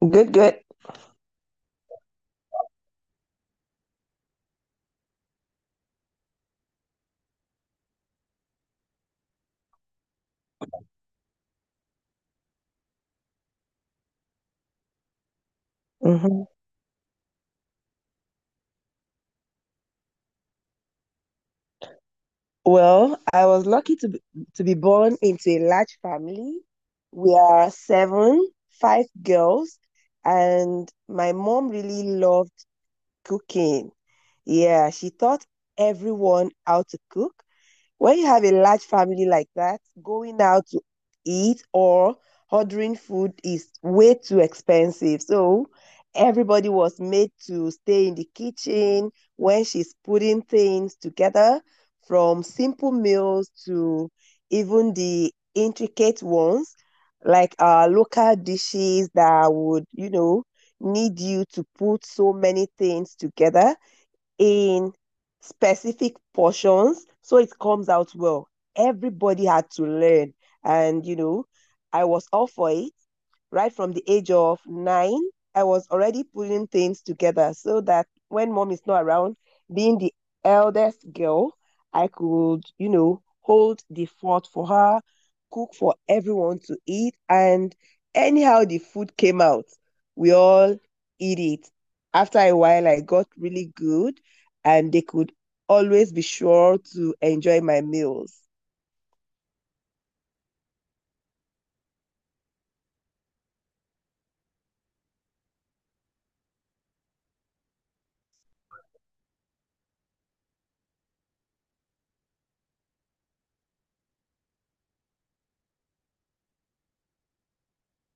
Good, good. hmm Well, I was lucky to be born into a large family. We are seven, five girls, and my mom really loved cooking. Yeah, she taught everyone how to cook. When you have a large family like that, going out to eat or ordering food is way too expensive. So everybody was made to stay in the kitchen when she's putting things together, from simple meals to even the intricate ones, like local dishes that would, need you to put so many things together in specific portions so it comes out well. Everybody had to learn, and I was all for it right from the age of 9. I was already putting things together so that when mom is not around, being the eldest girl, I could, hold the fort for her, cook for everyone to eat. And anyhow, the food came out. We all eat it. After a while, I got really good and they could always be sure to enjoy my meals.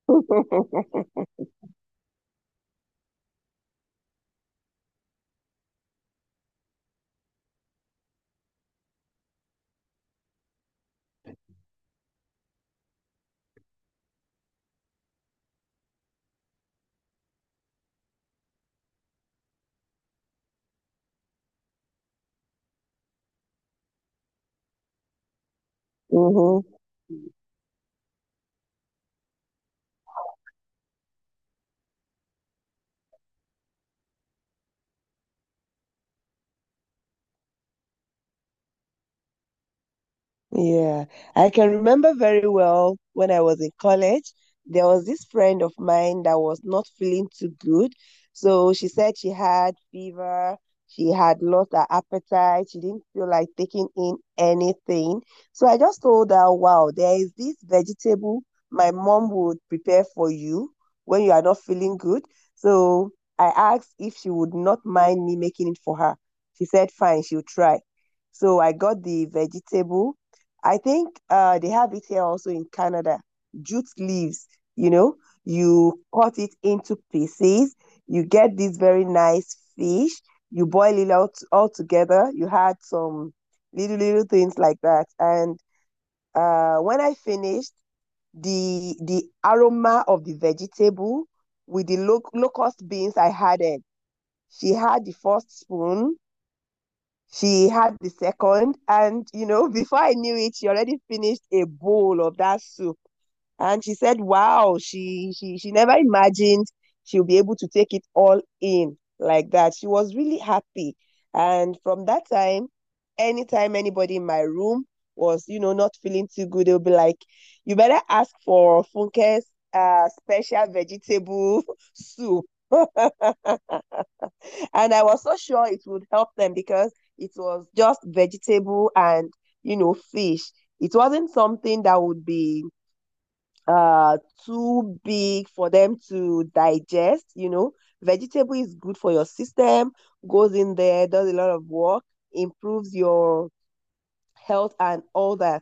Hmm. Yeah, I can remember very well when I was in college, there was this friend of mine that was not feeling too good. So she said she had fever, she had lost her appetite, she didn't feel like taking in anything. So I just told her, wow, there is this vegetable my mom would prepare for you when you are not feeling good. So I asked if she would not mind me making it for her. She said, fine, she'll try. So I got the vegetable. I think they have it here also in Canada. Jute leaves, you know, you cut it into pieces. You get this very nice fish. You boil it out all together. You had some little little things like that. And when I finished, the aroma of the vegetable with the locust beans I had it. She had the first spoon, she had the second, and before I knew it, she already finished a bowl of that soup. And she said, "Wow, she never imagined she'll be able to take it all in like that." She was really happy, and from that time, anytime anybody in my room was, not feeling too good, they'll be like, "You better ask for Funke's special vegetable soup." And I was so sure it would help them because it was just vegetable and fish. It wasn't something that would be uh too big for them to digest. Vegetable is good for your system, goes in there, does a lot of work, improves your health and all that.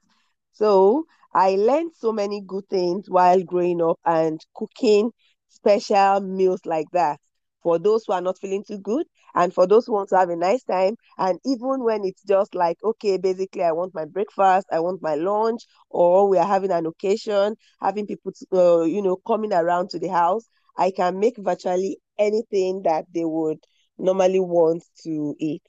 So I learned so many good things while growing up and cooking special meals like that for those who are not feeling too good and for those who want to have a nice time. And even when it's just like, okay, basically, I want my breakfast, I want my lunch, or we are having an occasion, having people, coming around to the house, I can make virtually anything that they would normally want to eat.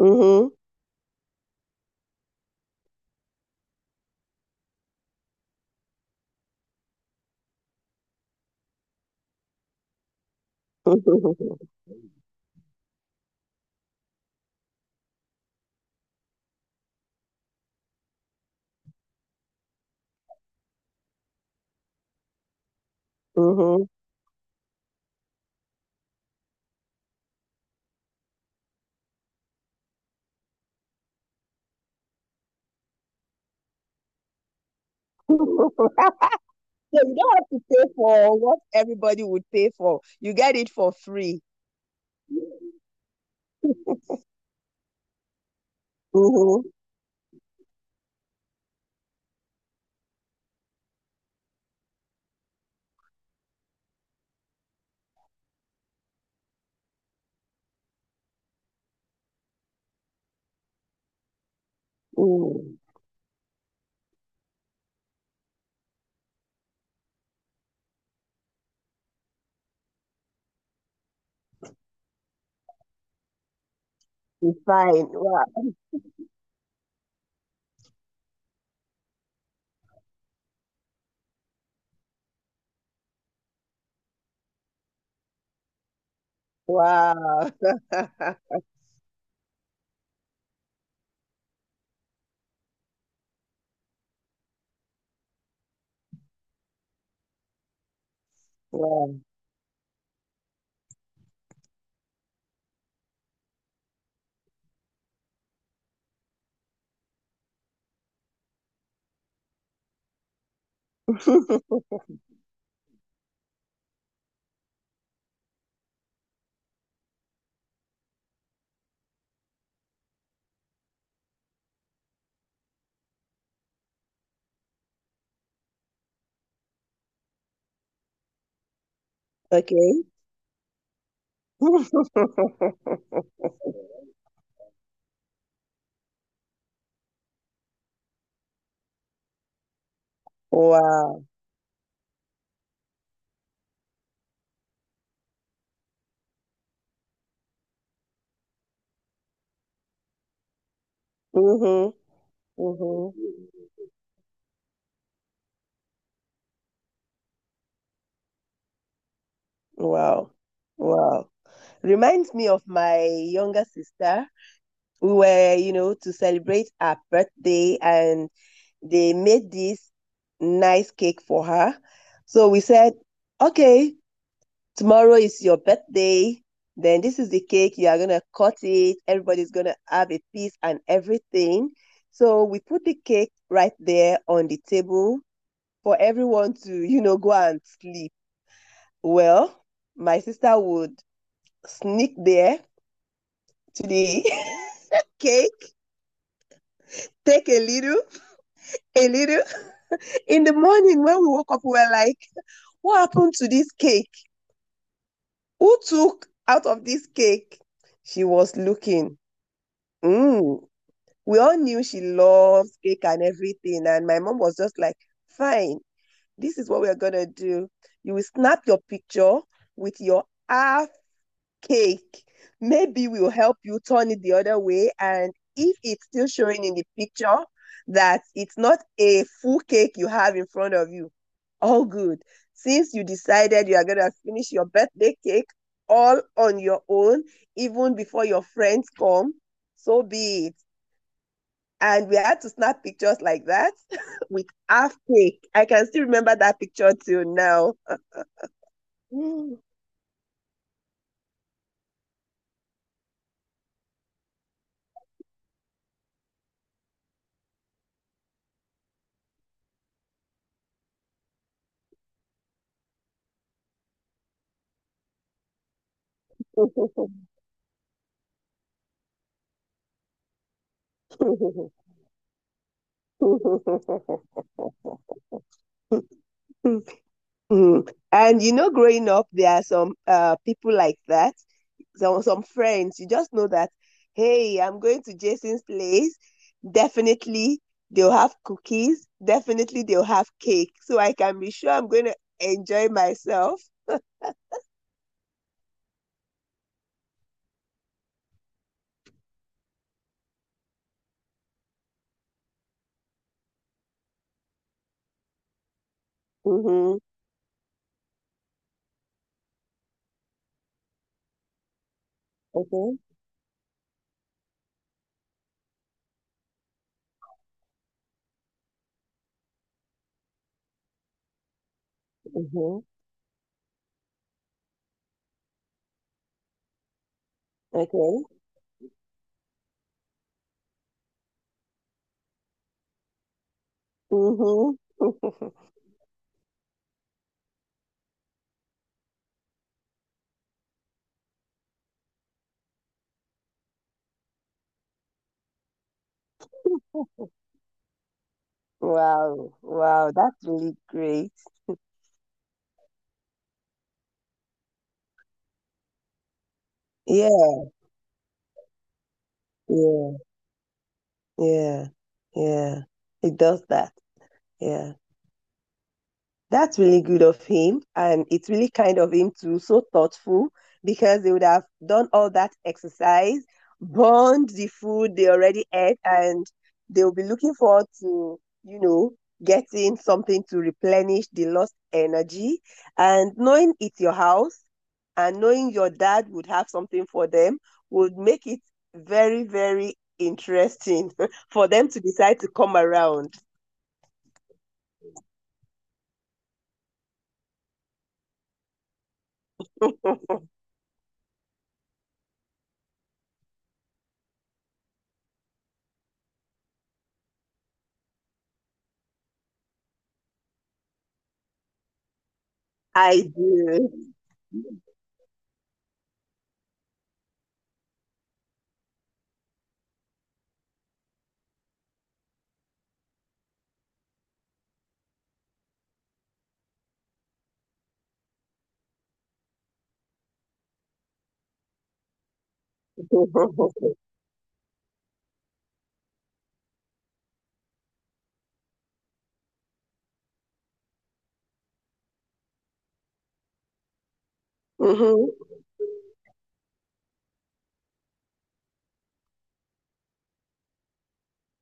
Mm-hmm. Mm-hmm. So you don't have to pay for what everybody would pay for. You get it for free. Mhm. Mm. Fine. Wow. Wow. Wow. Okay. Wow. Mhm. Mhm. Wow. Wow. Reminds me of my younger sister. We were, to celebrate her birthday and they made this nice cake for her. So we said, okay, tomorrow is your birthday. Then this is the cake. You are going to cut it. Everybody's going to have a piece and everything. So we put the cake right there on the table for everyone to, go and sleep. Well, my sister would sneak there to the cake, take a little, a little. In the morning when we woke up, we were like, what happened to this cake? Who took out of this cake? She was looking. Mm, we all knew she loves cake and everything. And my mom was just like, fine, this is what we're gonna do. You will snap your picture with your half cake. Maybe we'll help you turn it the other way. And if it's still showing in the picture that it's not a full cake you have in front of you, all good. Since you decided you are gonna finish your birthday cake all on your own, even before your friends come, so be it, and we had to snap pictures like that with half cake. I can still remember that picture till now. And growing up, there are some people like that, some friends. You just know that, hey, I'm going to Jason's place. Definitely they'll have cookies. Definitely they'll have cake. So I can be sure I'm going to enjoy myself. Mm-hmm. Okay. Mm-hmm. Okay. Mm-hmm. Wow. Wow. That's really great. Yeah. Yeah. Yeah. Yeah. He does that. Yeah. That's really good of him. And it's really kind of him too. So thoughtful, because they would have done all that exercise, burned the food they already ate, and they'll be looking forward to, getting something to replenish the lost energy. And knowing it's your house, and knowing your dad would have something for them would make it very, very interesting for them to decide to come around. I do. Mhm.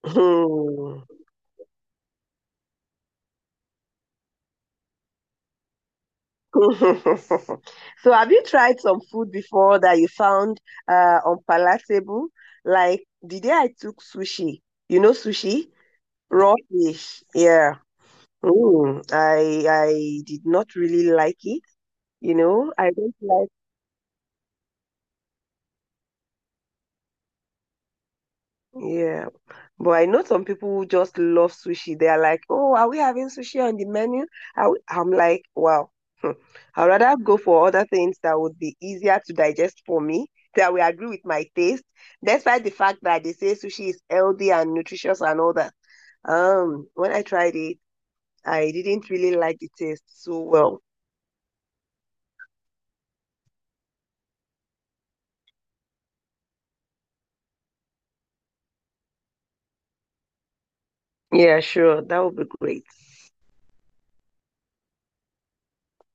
Hmm. So, have you tried some food before that you found unpalatable? Like the day I took sushi, sushi, raw fish. Yeah. Mm. I did not really like it. You know, I don't like. Yeah. But I know some people who just love sushi. They are like, oh, are we having sushi on the menu? I'm like, wow, hmm. I'd rather go for other things that would be easier to digest for me, that will agree with my taste, despite the fact that they say sushi is healthy and nutritious and all that. When I tried it, I didn't really like the taste so well. Yeah, sure, that would be great.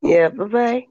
Yeah, bye bye.